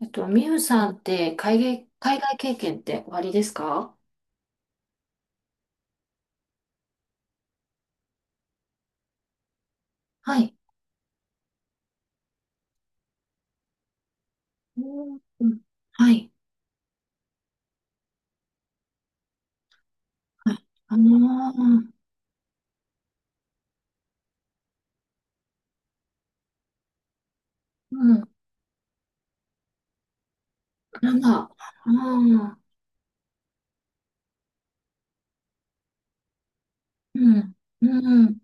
みゆさんって海外経験っておありですか？はい。うんうん。はい。はいうん。なんだ、ああ。うん、うん、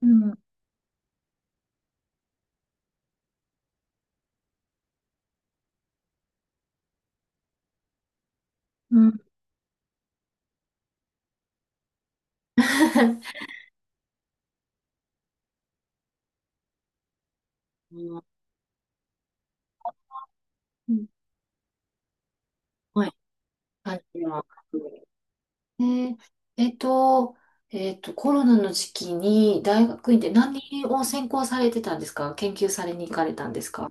うん、うん。あの、うん、はい。感じは。え、えっと、コロナの時期に大学院で何を専攻されてたんですか？研究されに行かれたんですか？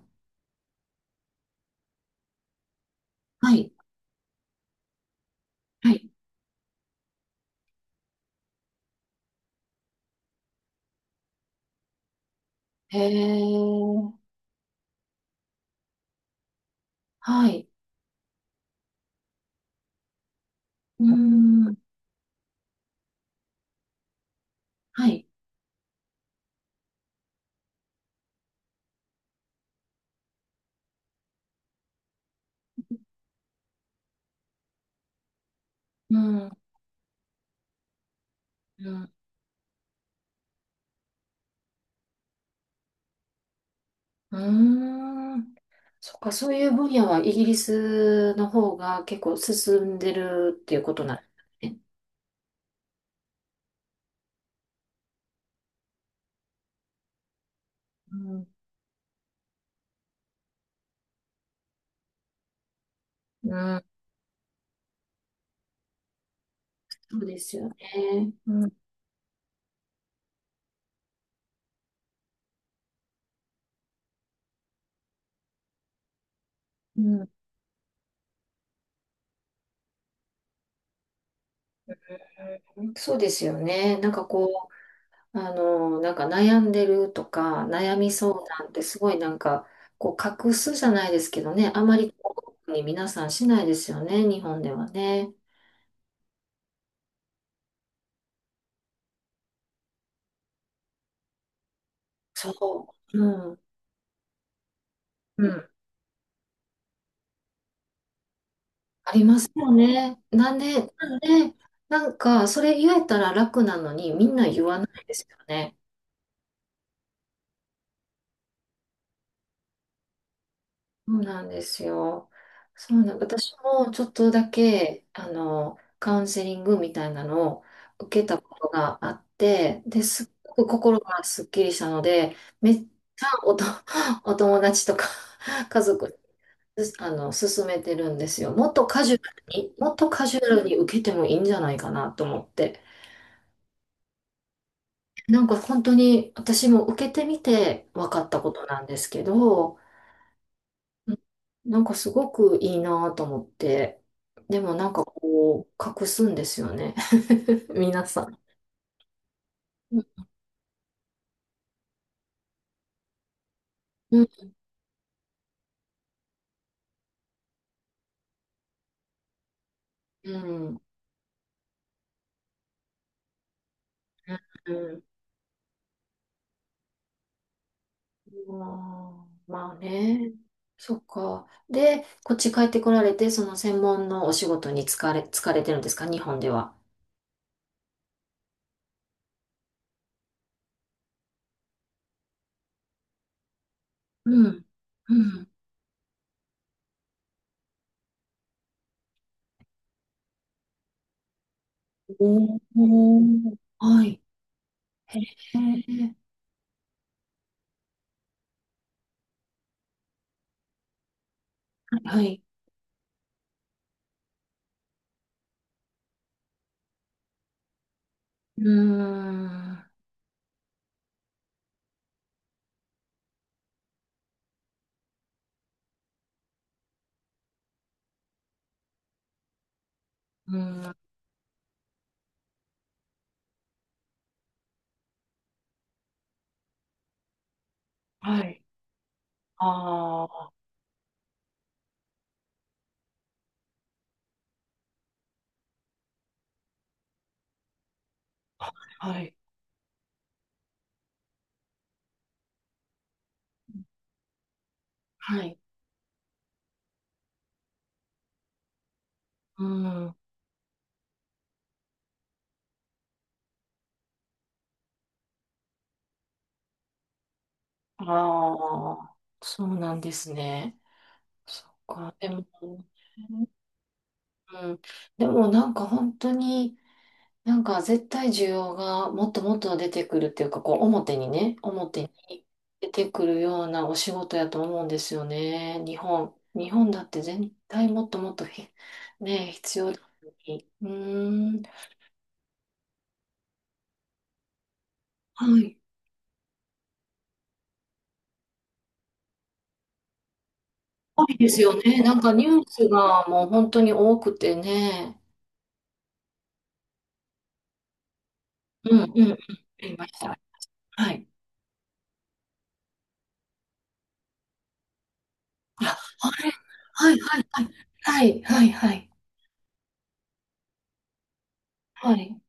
はい。はい。へえ。はい。うーん。はい。うん、うん、うーん。そっか、そういう分野はイギリスの方が結構進んでるっていうことなんですね。うん、うん、そうですよね。うん、うん、そうですよね。なんかこう、なんか悩んでるとか、悩み相談ってすごいなんか、こう隠すじゃないですけどね、あまりこうに皆さんしないですよね、日本ではね。そう。うん、うん。ありますよね。なんで、なんで、なんか、それ言えたら楽なのに、みんな言わないですよね。そうなんですよ。そうなん、私もちょっとだけ、カウンセリングみたいなのを受けたことがあって、で、すっごく心がすっきりしたので、めっちゃおと、お友達とか 家族、勧めてるんですよ。もっとカジュアルに、もっとカジュアルに受けてもいいんじゃないかなと思って。なんか本当に私も受けてみて分かったことなんですけど、うん、なんかすごくいいなと思って、でもなんかこう隠すんですよね、皆さん、うん、うん、うん、うん、うん。まあまあね。そっか。で、こっち帰ってこられて、その専門のお仕事に疲れてるんですか、日本では。うん、うん。おー、はい、はい。うーん、うん、はい。はい。うん。ああ、そうなんですね。そっか。でも、うん。でもなんか本当に、なんか絶対需要がもっともっと出てくるっていうか、こう表にね、表に出てくるようなお仕事やと思うんですよね。日本。日本だって絶対もっともっとひ、ね、必要だのに。うーん。はい。多いですよね。なんかニュースがもう本当に多くてね。うんうんうん。ありました。はい。あ、あれ、はいはいはい。はいはいはい。はい。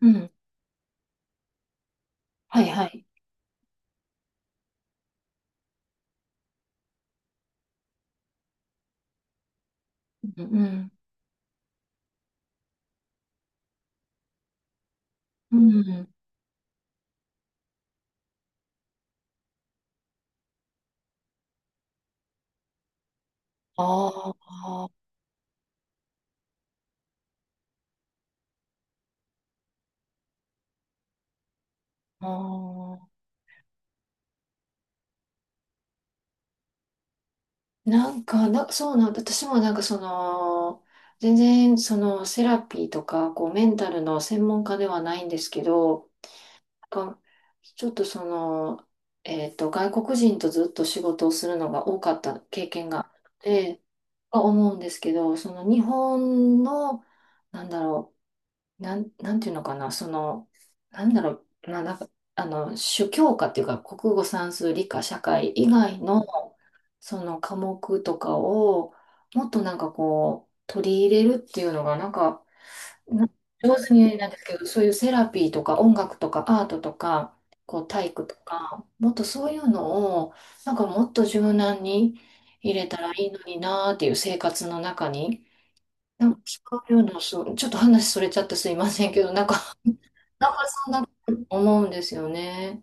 うん。はいはい。うんうん。うん。ああ。ああ。そうなんだ。私もなんかその、全然そのセラピーとか、こうメンタルの専門家ではないんですけど、なんかちょっとその、外国人とずっと仕事をするのが多かった経験があって、は思うんですけど、その日本の、なんだろなんていうのかな、その、なんだろう、な、なんか、あの、主教科っていうか、国語、算数、理科、社会以外のその科目とかを、もっとなんかこう、取り入れるっていうのが、なんか、な、上手に言えないんですけど、そういうセラピーとか音楽とかアートとか、こう体育とか、もっとそういうのを、なんかもっと柔軟に入れたらいいのになーっていう、生活の中に。なんかそういうの、そう、ちょっと話それちゃってすいませんけど、なんか、なんかそんなこと思うんですよね。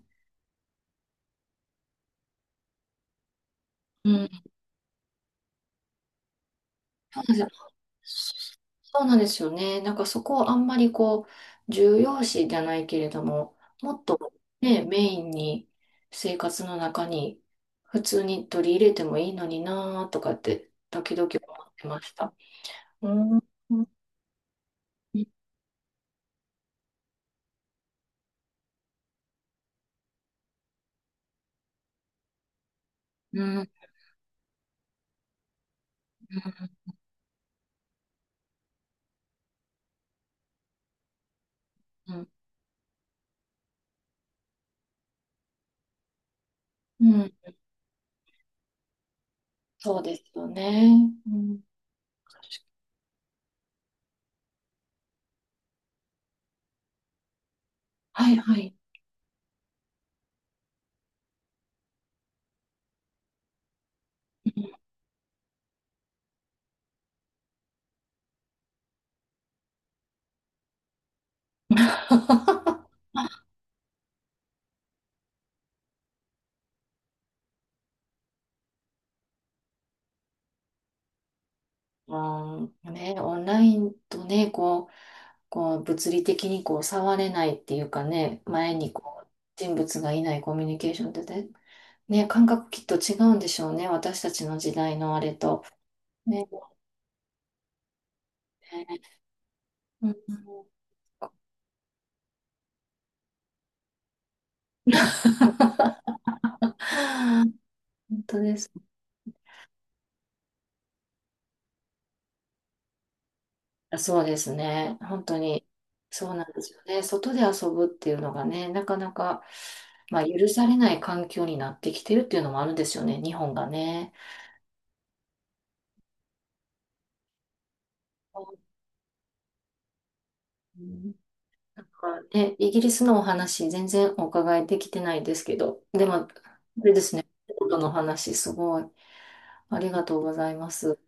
うん。そうです、そうなんですよね。なんかそこをあんまりこう、重要視じゃないけれども、もっとね、メインに生活の中に普通に取り入れてもいいのになーとかって、時々思ってました。うん。うん。うん。うん。うん、そうですよね。うん。はいはい。うん、ね、オンラインとね、こう、こう物理的にこう触れないっていうかね、前にこう人物がいないコミュニケーションってね、ね、感覚きっと違うんでしょうね、私たちの時代のあれと。ね、うん、本当です。そうですね、本当に、そうなんですよね、外で遊ぶっていうのがね、なかなか、まあ、許されない環境になってきてるっていうのもあるんですよね、日本がね。うん。なんかね、イギリスのお話、全然お伺いできてないですけど、でも、あれですね、お仕事の話、すごい、ありがとうございます。